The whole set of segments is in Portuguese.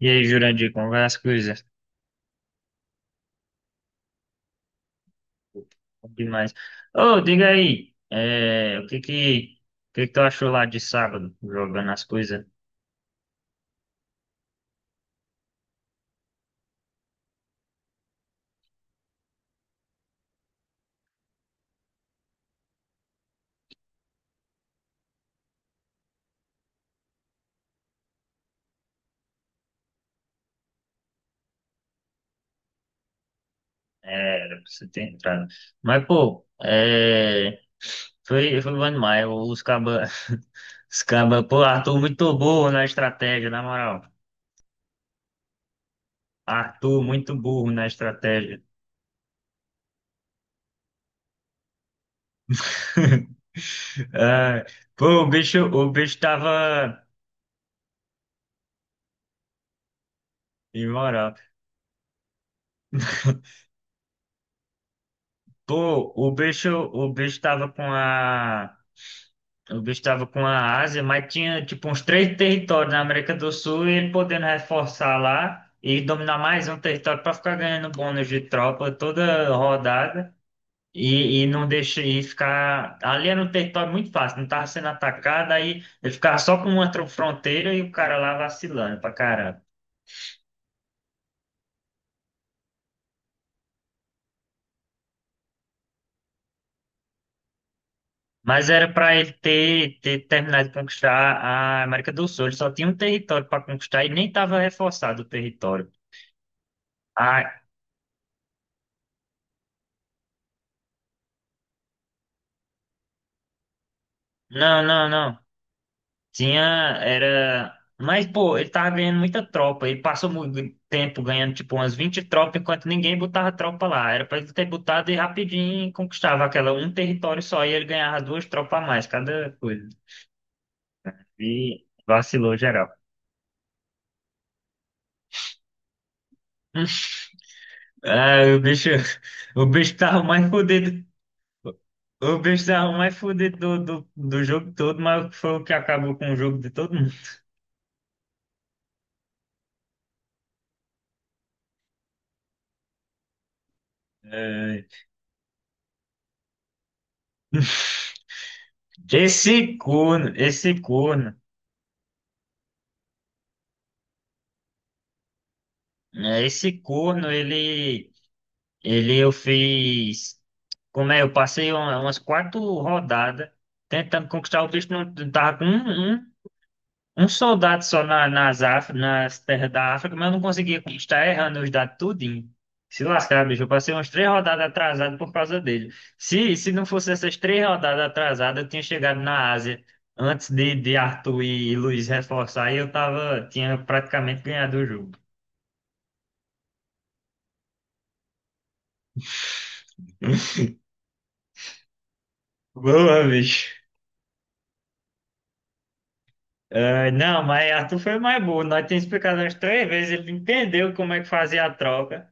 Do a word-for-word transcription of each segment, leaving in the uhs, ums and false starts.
E aí, Jurandir, como vai as coisas? Bom demais. Ô, diga aí, é, o que que, o que que tu achou lá de sábado, jogando as coisas? É, era pra você ter entrado. Mas, pô, é, foi, foi bom demais. Os cabas, os cabas, pô, Arthur muito burro na estratégia, na moral. Arthur muito burro na estratégia. Ah, pô, o bicho, o bicho tava imoral. Pô, o bicho, o bicho tava com a. O bicho tava com a Ásia, mas tinha tipo uns três territórios na América do Sul e ele podendo reforçar lá e dominar mais um território para ficar ganhando bônus de tropa toda rodada e, e não deixar e ficar. Ali era um território muito fácil, não tava sendo atacado, aí ele ficava só com uma tro- fronteira e o cara lá vacilando pra caramba. Mas era para ele ter, ter terminado de conquistar a América do Sul. Ele só tinha um território para conquistar e nem estava reforçado o território. Ah, não, não, não. Tinha, era. Mas, pô, ele tava ganhando muita tropa. Ele passou muito tempo ganhando, tipo, umas vinte tropas, enquanto ninguém botava tropa lá. Era pra ele ter botado e rapidinho conquistava aquela um território só. E ele ganhava duas tropas a mais, cada coisa. E vacilou geral. Ah, o bicho, o bicho tava mais fodido. O bicho mais fudido do, do, do jogo todo, mas foi o que acabou com o jogo de todo mundo. É. Esse corno, esse corno, né, Esse corno, ele, ele eu fiz, como é, eu passei uma- umas quatro rodadas tentando conquistar o bicho, não não tava com um, um um soldado só na- nas, Áf- nas terras da África, mas eu não conseguia conquistar, errando os dados tudinho. Se lascar, bicho, eu passei umas três rodadas atrasado por causa dele. Se, se não fosse essas três rodadas atrasadas, eu tinha chegado na Ásia antes de, de Arthur e Luiz reforçar e eu tava, tinha praticamente ganhado o jogo. Boa, bicho. Ah, não, mas Arthur foi mais burro. Nós tínhamos explicado umas três vezes, ele entendeu como é que fazia a troca.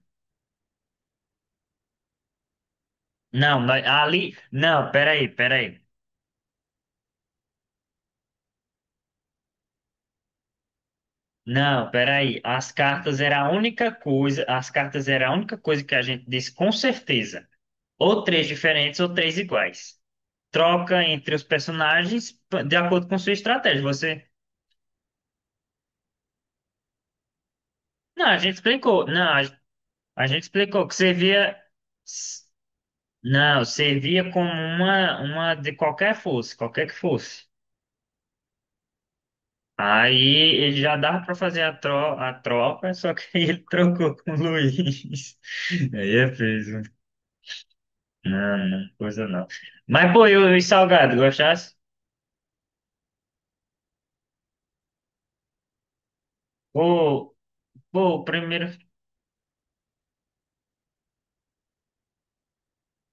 Não, nós- ali. Não, peraí, peraí. Não, peraí. As cartas era a única coisa, as cartas era a única coisa que a gente disse com certeza. Ou três diferentes ou três iguais. Troca entre os personagens p- de acordo com sua estratégia. Você, não, a gente explicou. Não, a, a gente explicou que servia. s- Não, servia como uma uma de qualquer fosse, qualquer que fosse. Aí ele já dava para fazer a, tro a troca, só que ele trocou com o Luiz. Aí é peso. Não, não, coisa não. Mas, pô, eu, e salgado, gostasse? Pô, Pô, o primeiro.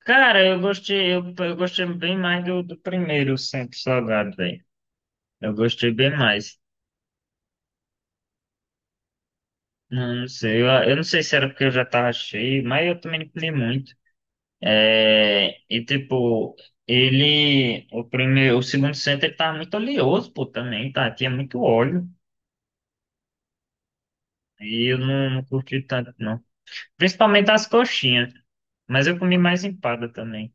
Cara, eu gostei, eu, eu gostei bem mais do, do primeiro sempre salgado, velho. Eu gostei bem mais. Não, não sei, eu, eu não sei se era porque eu já tava cheio, mas eu também não comi muito. É, e tipo, ele, o primeiro, o segundo centro ele tava muito oleoso, pô, também, tá? Tinha muito óleo. E eu não, não curti tanto, não. Principalmente as coxinhas. Mas eu comi mais empada também.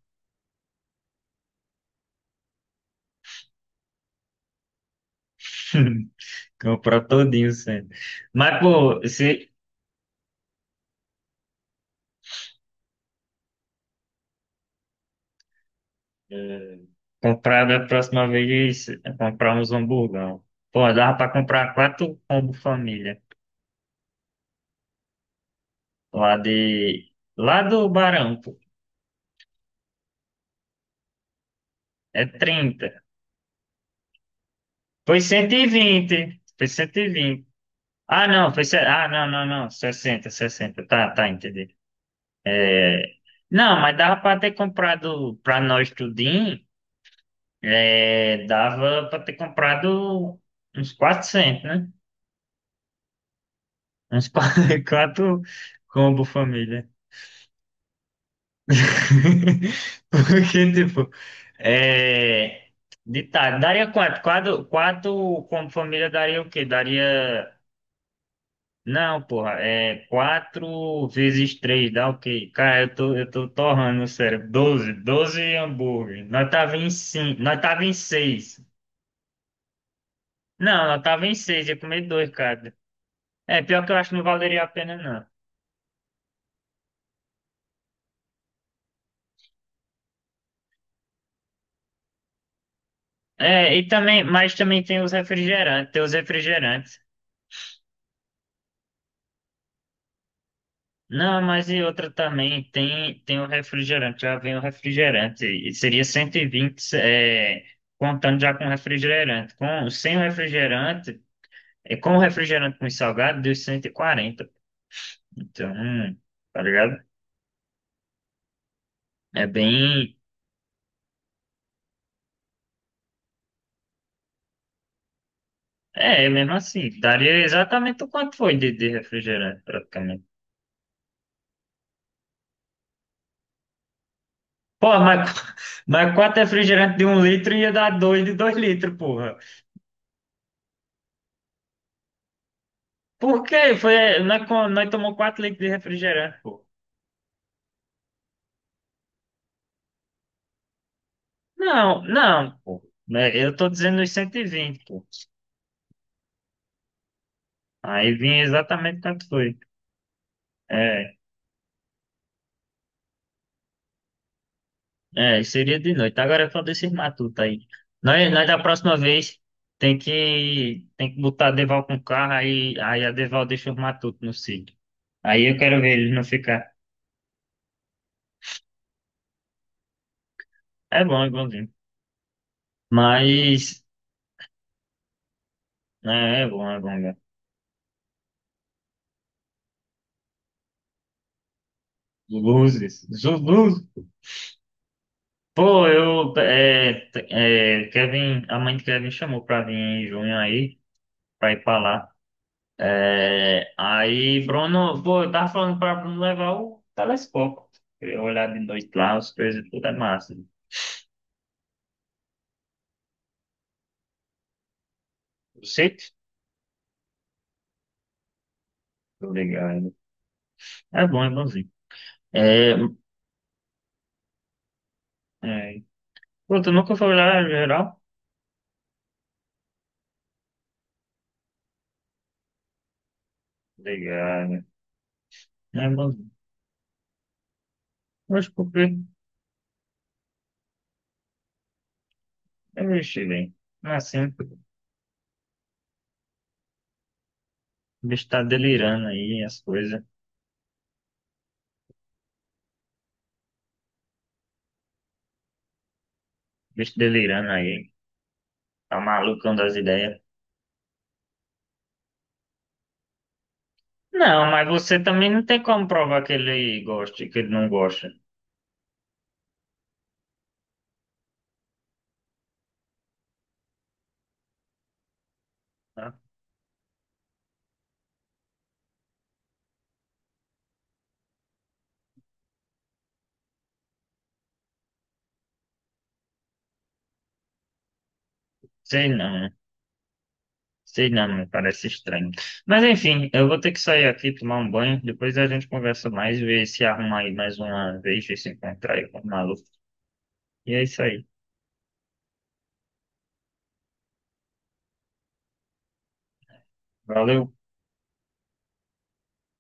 Comprar todinho sendo. Mas, pô, se eh, comprar da próxima vez, eh, comprar uns hamburgão. Pô, dava pra comprar quatro combo família. Lá de. Lá do Barão, pô. É trinta. Foi cento e vinte. Foi cento e vinte. Ah, não, foi. se- Ah, não, não, não. Sessenta, sessenta. Tá, tá, entendi. É. Não, mas dava pra ter comprado pra nós tudinho. É. Dava pra ter comprado uns quatrocentos, né? Uns quatro, combo família. Porque, tipo, é, de ditado, daria quatro. Quatro, quatro como família daria o quê? Daria. Não, porra, é quatro vezes três, dá o quê? Cara, eu tô, eu tô torrando o cérebro. Doze, doze hambúrguer. Nós tava em cinco, nós tava em seis. Não, nós tava em seis, ia comer dois, cara. É, pior que eu acho que não valeria a pena. É, e também, mas também tem os refrigerantes, tem os refrigerantes. Não, mas e outra também, tem, tem o refrigerante, já vem o refrigerante, e seria cento e vinte, é, contando já com o refrigerante. Com, sem o refrigerante, é, com o refrigerante com o salgado, deu cento e quarenta. Então, hum, tá ligado? É bem, é, é mesmo assim, daria exatamente o quanto foi de, de refrigerante, praticamente. Pô, mas, mas quatro refrigerantes de um litro ia dar dois de dois litros, porra. Por quê? Foi, nós, co- nós tomou quatro litros de refrigerante, pô. Não, não, pô. Né, eu tô dizendo os cento e vinte, pô. Aí vinha exatamente quanto foi. É, É, seria de noite. Agora é só desses matutos aí. Nós, nós da próxima vez tem que, tem que botar a Deval com o carro, aí, aí a Deval deixa os matutos no sítio. Aí eu quero ver eles não ficar. É bom, é bonzinho. Mas, né, é, é bom, é bom, velho. Luzes, luzes. Pô, eu, é, é, Kevin, a mãe de Kevin chamou pra vir em junho aí, pra ir pra lá. É, aí, Bruno, pô, eu tava falando pra Bruno levar o telescópio. Queria olhar de noite lá, as coisas tudo é massa. O sítio? Tô ligado. É bom, é bonzinho. É, É, pô, tu nunca foi lá em geral? Ligado. É bonzinho. Mas por quê? Eu mexi bem. Não é assim, o bicho tá delirando aí, as coisas. O bicho delirando aí. É o malucão das ideias. Não, mas você também não tem como provar que ele gosta e que ele não gosta. Tá? Sei não, sei não, me parece estranho. Mas enfim, eu vou ter que sair aqui, tomar um banho, depois a gente conversa mais, ver se arruma aí mais uma vez, ver se encontrar aí com o maluco. E é isso aí. Valeu.